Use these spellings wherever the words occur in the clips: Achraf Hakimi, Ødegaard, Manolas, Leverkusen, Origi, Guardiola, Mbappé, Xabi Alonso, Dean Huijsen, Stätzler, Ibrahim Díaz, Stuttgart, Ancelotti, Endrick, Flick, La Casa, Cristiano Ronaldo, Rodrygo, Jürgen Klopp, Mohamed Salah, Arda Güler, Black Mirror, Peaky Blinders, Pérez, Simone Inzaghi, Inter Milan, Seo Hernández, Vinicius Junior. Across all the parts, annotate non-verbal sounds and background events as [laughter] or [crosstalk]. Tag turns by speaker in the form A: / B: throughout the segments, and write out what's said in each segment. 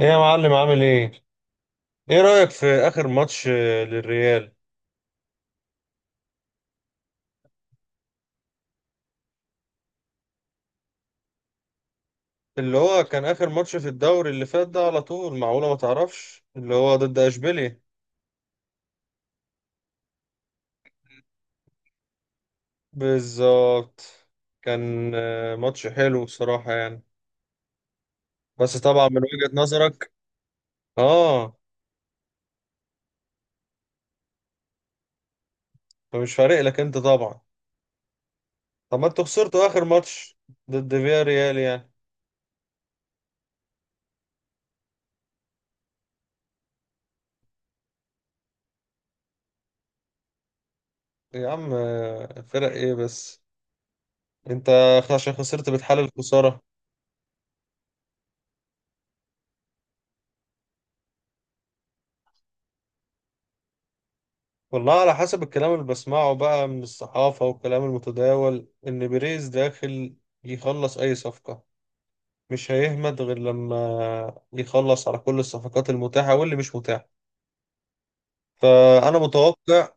A: ايه يا معلم عامل ايه؟ ايه رأيك في آخر ماتش للريال؟ اللي هو كان آخر ماتش في الدوري اللي فات ده على طول، معقولة ما تعرفش؟ اللي هو ضد اشبيليا. بالظبط. كان ماتش حلو بصراحة يعني. بس طبعا من وجهة نظرك. اه. فمش فارق لك انت طبعا. طب ما انتوا خسرتوا آخر ماتش ضد فيا ريال يعني. يا عم فرق ايه بس؟ انت عشان خسرت بتحلل خسارة. والله على حسب الكلام اللي بسمعه بقى من الصحافة والكلام المتداول، إن بيريز داخل يخلص أي صفقة، مش هيهمد غير لما يخلص على كل الصفقات المتاحة واللي مش متاحة. فأنا متوقع.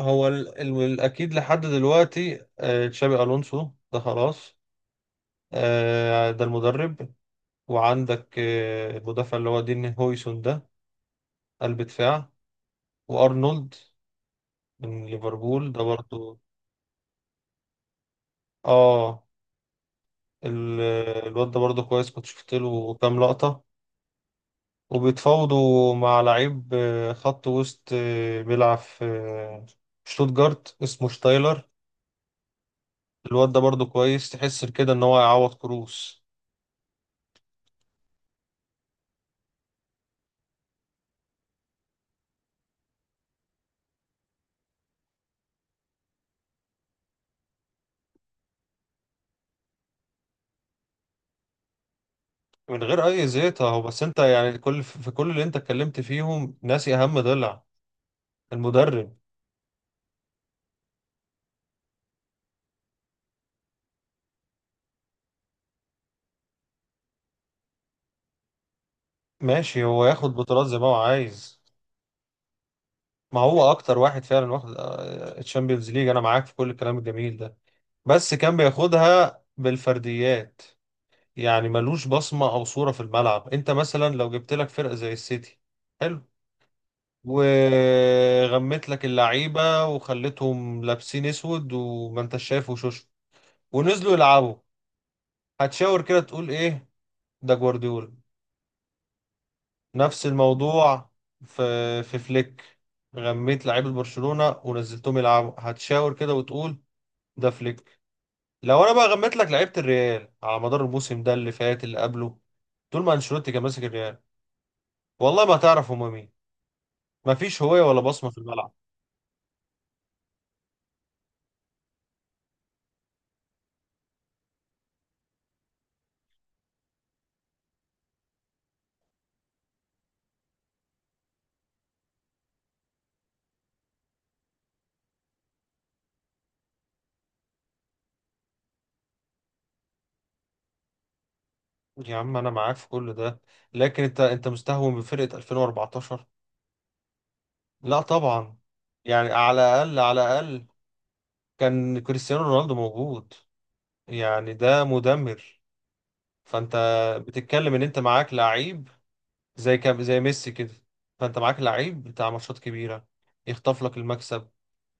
A: هو الأكيد لحد دلوقتي، تشابي ألونسو ده خلاص، ده المدرب. وعندك المدافع اللي هو دين هويسون ده، قلب دفاع. وأرنولد من ليفربول ده برضه. اه. ال- الواد ده برضه كويس، كنت شفت له كام لقطة. وبيتفاوضوا مع لعيب خط وسط، بيلعب في شتوتجارت، اسمه شتايلر. الواد ده برضه كويس، تحس كده ان هو هيعوض كروس. من غير اي زيطة اهو. بس انت يعني في كل اللي انت اتكلمت فيهم ناسي اهم ضلع: المدرب. ماشي، هو ياخد بطولات زي ما هو عايز. ما هو اكتر واحد فعلا واخد الشامبيونز ليج، انا معاك في كل الكلام الجميل ده. بس كان بياخدها بالفرديات، يعني ملوش بصمة أو صورة في الملعب. أنت مثلا لو جبت لك فرقة زي السيتي، حلو، وغمت لك اللعيبة وخليتهم لابسين أسود وما أنت شايف وشوش ونزلوا يلعبوا، هتشاور كده تقول إيه؟ ده جوارديولا. نفس الموضوع في في فليك، غميت لعيبة برشلونة ونزلتهم يلعبوا هتشاور كده وتقول ده فليك. لو أنا بقى غميت لك لعيبة الريال على مدار الموسم ده اللي فات اللي قبله، طول ما أنشيلوتي كان ماسك الريال، والله ما هتعرف هما مين. ما فيش هوية ولا بصمة في الملعب. يا عم أنا معاك في كل ده، لكن أنت مستهون بفرقة 2014. لا طبعا، يعني على الأقل على الأقل كان كريستيانو رونالدو موجود، يعني ده مدمر. فأنت بتتكلم إن أنت معاك لعيب زي كم، زي ميسي كده، فأنت معاك لعيب بتاع ماتشات كبيرة يخطف لك المكسب.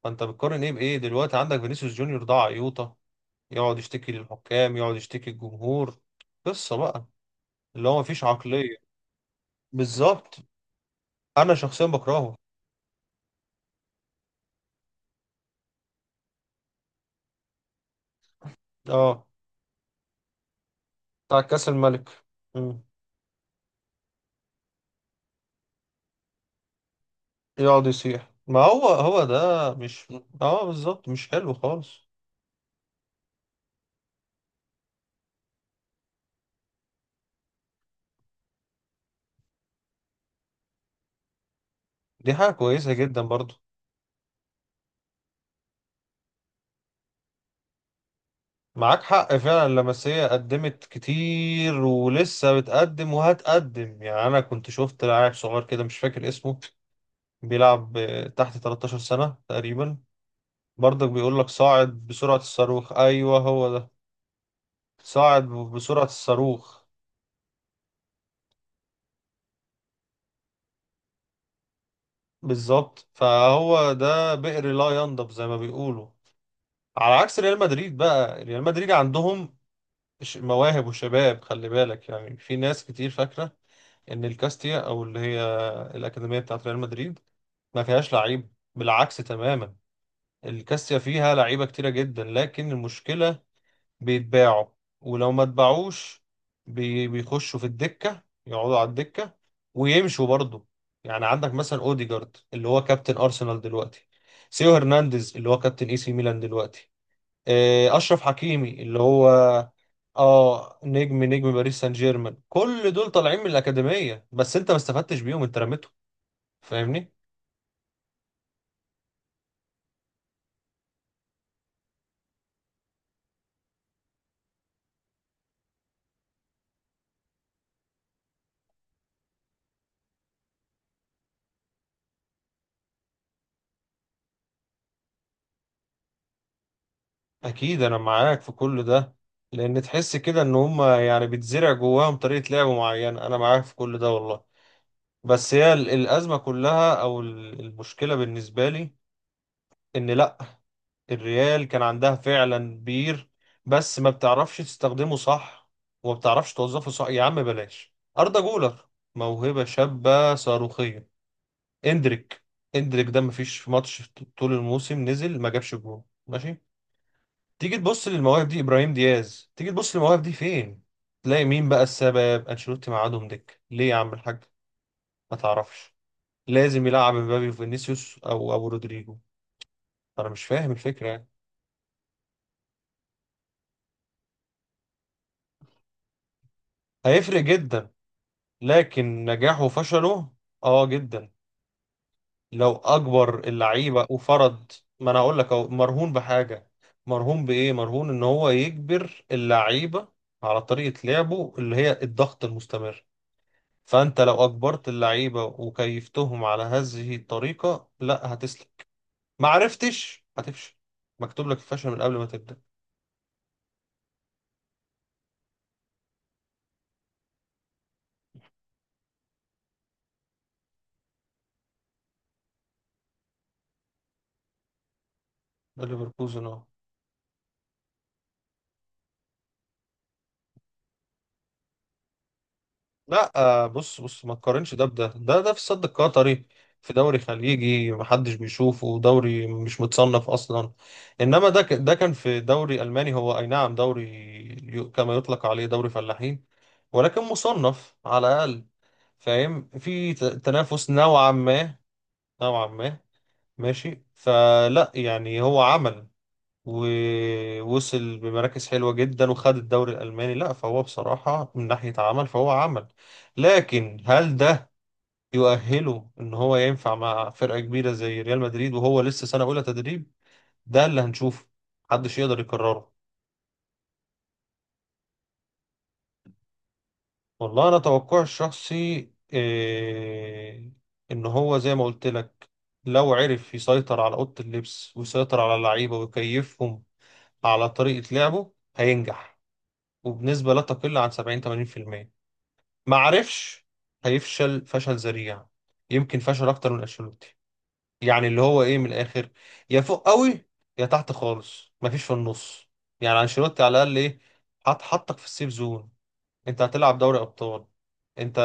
A: فأنت بتقارن إيه بإيه؟ دلوقتي عندك فينيسيوس جونيور ده عيوطة، يقعد يشتكي للحكام، يقعد يشتكي للجمهور. قصة بقى اللي هو مفيش عقلية. بالظبط. انا شخصيا بكرهه. اه. بتاع كاس الملك. مم. يقعد يصيح، ما هو هو ده مش. اه بالظبط، مش حلو خالص. دي حاجة كويسة جدا برضو. معاك حق فعلا، لمسية قدمت كتير ولسه بتقدم وهتقدم. يعني انا كنت شفت لاعب صغير كده مش فاكر اسمه، بيلعب تحت 13 سنة تقريبا، برضك بيقول لك صاعد بسرعة الصاروخ. ايوه هو ده، صاعد بسرعة الصاروخ. بالظبط، فهو ده بئر لا ينضب زي ما بيقولوا. على عكس ريال مدريد بقى، ريال مدريد عندهم مواهب وشباب، خلي بالك، يعني في ناس كتير فاكرة ان الكاستيا او اللي هي الأكاديمية بتاعت ريال مدريد ما فيهاش لعيب، بالعكس تماما. الكاستيا فيها لعيبة كتيرة جدا، لكن المشكلة بيتباعوا، ولو ما اتباعوش بيخشوا في الدكة، يقعدوا على الدكة ويمشوا برضه. يعني عندك مثلا اوديجارد اللي هو كابتن ارسنال دلوقتي، سيو هرنانديز اللي هو كابتن اي سي ميلان دلوقتي، اشرف حكيمي اللي هو اه نجم باريس سان جيرمان. كل دول طالعين من الاكاديمية، بس انت ما استفدتش بيهم، انت رميتهم، فاهمني. اكيد انا معاك في كل ده، لان تحس كده ان هم يعني بتزرع جواهم طريقة لعب معينة، انا معاك في كل ده والله. بس هي الأزمة كلها أو المشكلة بالنسبة لي، إن لأ، الريال كان عندها فعلا بير، بس ما بتعرفش تستخدمه صح وما بتعرفش توظفه صح. يا عم بلاش أردا جولر، موهبة شابة صاروخية. إندريك، إندريك ده مفيش في ماتش طول الموسم نزل ما جابش جول، ماشي. تيجي تبص للمواهب دي، إبراهيم دياز، تيجي تبص للمواهب دي، فين تلاقي؟ مين بقى السبب؟ أنشيلوتي. معادهم دك ليه يا عم الحاج؟ ما تعرفش، لازم يلعب مبابي وفينيسيوس او ابو رودريجو. انا مش فاهم الفكره يعني. هيفرق جدا، لكن نجاحه وفشله اه جدا لو اجبر اللعيبه وفرض. ما انا اقول لك اهو، مرهون بحاجه. مرهون بايه؟ مرهون ان هو يجبر اللعيبه على طريقه لعبه اللي هي الضغط المستمر. فانت لو اجبرت اللعيبه وكيفتهم على هذه الطريقه، لا هتسلك. ما عرفتش، هتفشل، مكتوب لك الفشل من قبل ما تبدا. ده ليفركوزن اهو. لا، بص بص، ما تقارنش ده بده، ده في السد القطري، في دوري خليجي محدش بيشوفه، دوري مش متصنف اصلا. انما ده كان في دوري الماني، هو اي نعم دوري، كما يطلق عليه دوري فلاحين، ولكن مصنف على الاقل، فاهم، في تنافس نوعا ما، نوعا ما. ماشي، فلا يعني هو عمل ووصل بمراكز حلوة جدا وخد الدوري الألماني، لا فهو بصراحة من ناحية عمل فهو عمل. لكن هل ده يؤهله إن هو ينفع مع فرقة كبيرة زي ريال مدريد وهو لسه سنة أولى تدريب؟ ده اللي هنشوفه، محدش يقدر يكرره. والله أنا توقعي الشخصي إيه؟ إن هو زي ما قلت لك، لو عرف يسيطر على أوضة اللبس ويسيطر على اللعيبة ويكيفهم على طريقة لعبه هينجح، وبنسبة لا تقل عن 70، 80%. ما عرفش، هيفشل فشل ذريع، يمكن فشل اكتر من انشيلوتي. يعني اللي هو ايه من الاخر، يا فوق قوي يا تحت خالص، مفيش في النص. يعني انشيلوتي على الاقل ايه؟ حطك في السيف زون، انت هتلعب دوري ابطال، انت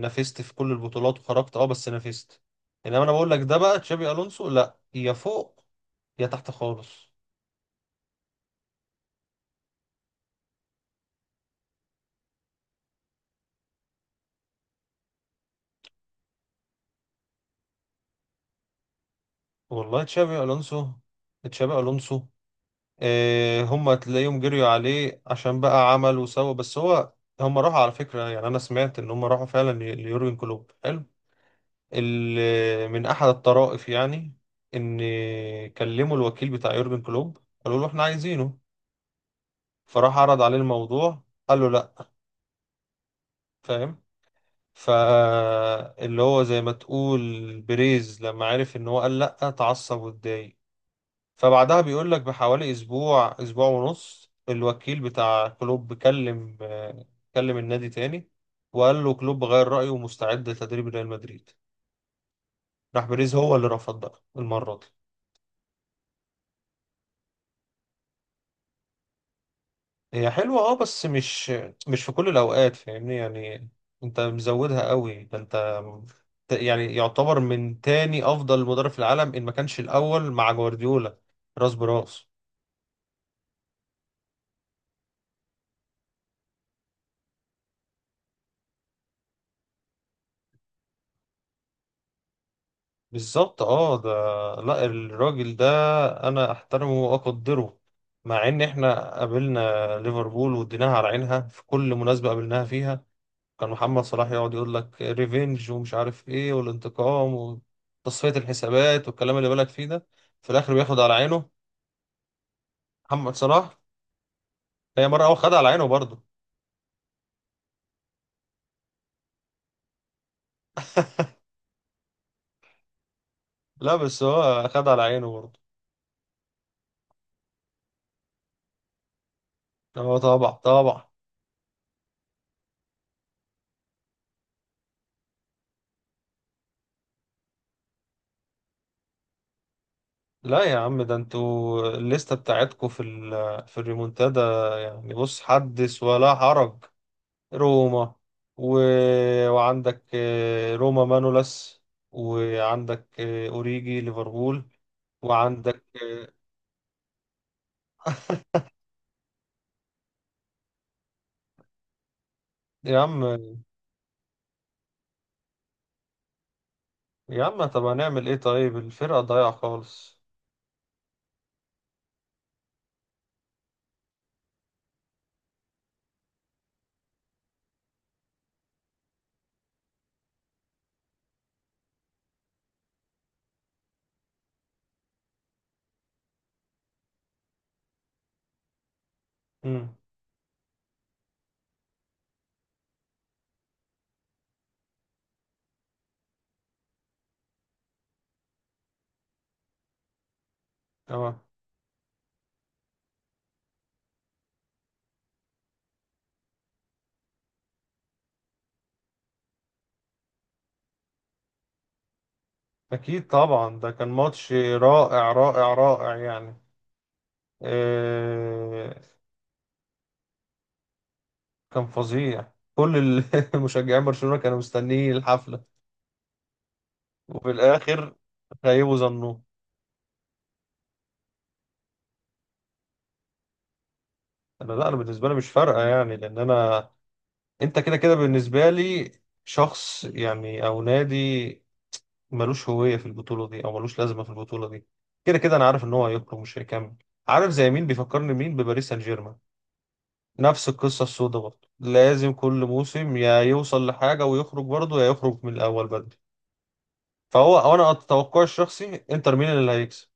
A: نافست في كل البطولات وخرجت اه بس نافست. انما انا بقول لك ده بقى تشابي الونسو، لا، يا فوق يا تحت خالص. والله تشابي الونسو، تشابي الونسو إيه؟ هم تلاقيهم جريوا عليه عشان بقى عمل وسوى، بس هو هم راحوا على فكرة. يعني أنا سمعت إن هم راحوا فعلا ليورجن كلوب، حلو. من أحد الطرائف يعني، إن كلموا الوكيل بتاع يورجن كلوب قالوا له إحنا عايزينه، فراح عرض عليه الموضوع قال له لأ، فاهم. فاللي هو زي ما تقول بريز لما عرف إن هو قال لأ اتعصب واتضايق. فبعدها بيقول لك بحوالي اسبوع ونص، الوكيل بتاع كلوب كلم، كلم النادي تاني، وقال له كلوب غير رأيه ومستعد لتدريب ريال مدريد. راح بيريز هو اللي رفض بقى المرة دي. هي حلوة اه، بس مش في كل الأوقات فاهمني يعني، انت مزودها قوي. ده انت يعني يعتبر من تاني أفضل مدرب في العالم إن ما كانش الأول مع جوارديولا، راس براس. بالظبط اه ده، لا الراجل ده انا احترمه واقدره، مع ان احنا قابلنا ليفربول واديناها على عينها في كل مناسبة قابلناها فيها، كان محمد صلاح يقعد يقول لك ريفينج ومش عارف ايه والانتقام وتصفية الحسابات والكلام اللي بالك فيه ده، في الاخر بياخد على عينه. محمد صلاح هي مرة هو خد على عينه برضه. لا بس هو خد على عينه برضه. اه طبعا طبعا. لا يا عم ده انتوا الليستة بتاعتكوا في الريمونتادا يعني، بص حدث ولا حرج. روما و... وعندك روما مانولاس، وعندك اوريجي ليفربول، وعندك يا عم، يا عم طب هنعمل ايه؟ طيب، الفرقة ضايعة خالص. امم. تمام. اكيد طبعا ده كان ماتش رائع رائع رائع يعني. آه، كان فظيع، كل [laughs] مشجعين برشلونة كانوا مستنيين الحفلة، وفي الآخر خيبوا ظنهم. لا، أنا بالنسبة لي مش فارقة يعني، لأن أنا. أنت كده كده بالنسبة لي شخص يعني أو نادي ملوش هوية في البطولة دي أو ملوش لازمة في البطولة دي. كده كده أنا عارف إن هو هيخرج مش هيكمل. عارف زي مين بيفكرني مين؟ بباريس سان جيرمان، نفس القصة السوداء برضه، لازم كل موسم يا يوصل لحاجة ويخرج برضه، يا يخرج من الأول بدري. فهو، أو أنا أتوقع الشخصي، إنتر ميلان اللي هيكسب.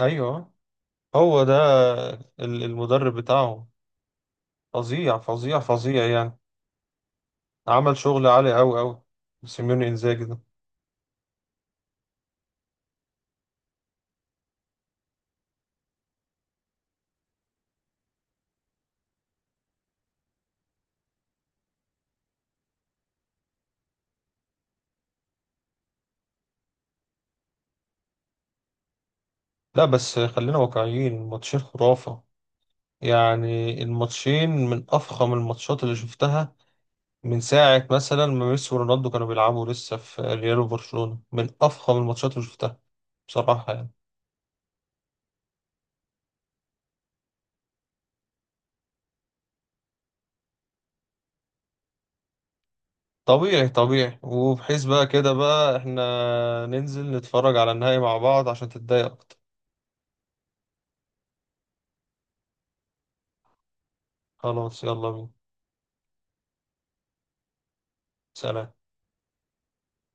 A: ايوه هو ده، المدرب بتاعهم فظيع فظيع فظيع يعني، عمل شغل عالي قوي قوي، سيميوني انزاجي ده. لا بس خلينا واقعيين، الماتشين خرافة يعني. الماتشين من افخم الماتشات اللي شفتها من ساعة مثلا ما ميسي ورونالدو كانوا بيلعبوا لسه في ريال وبرشلونة، من افخم الماتشات اللي شفتها بصراحة يعني. طبيعي طبيعي، وبحيث بقى كده بقى احنا ننزل نتفرج على النهائي مع بعض عشان تتضايق اكتر. خلاص يلا بينا. سلام.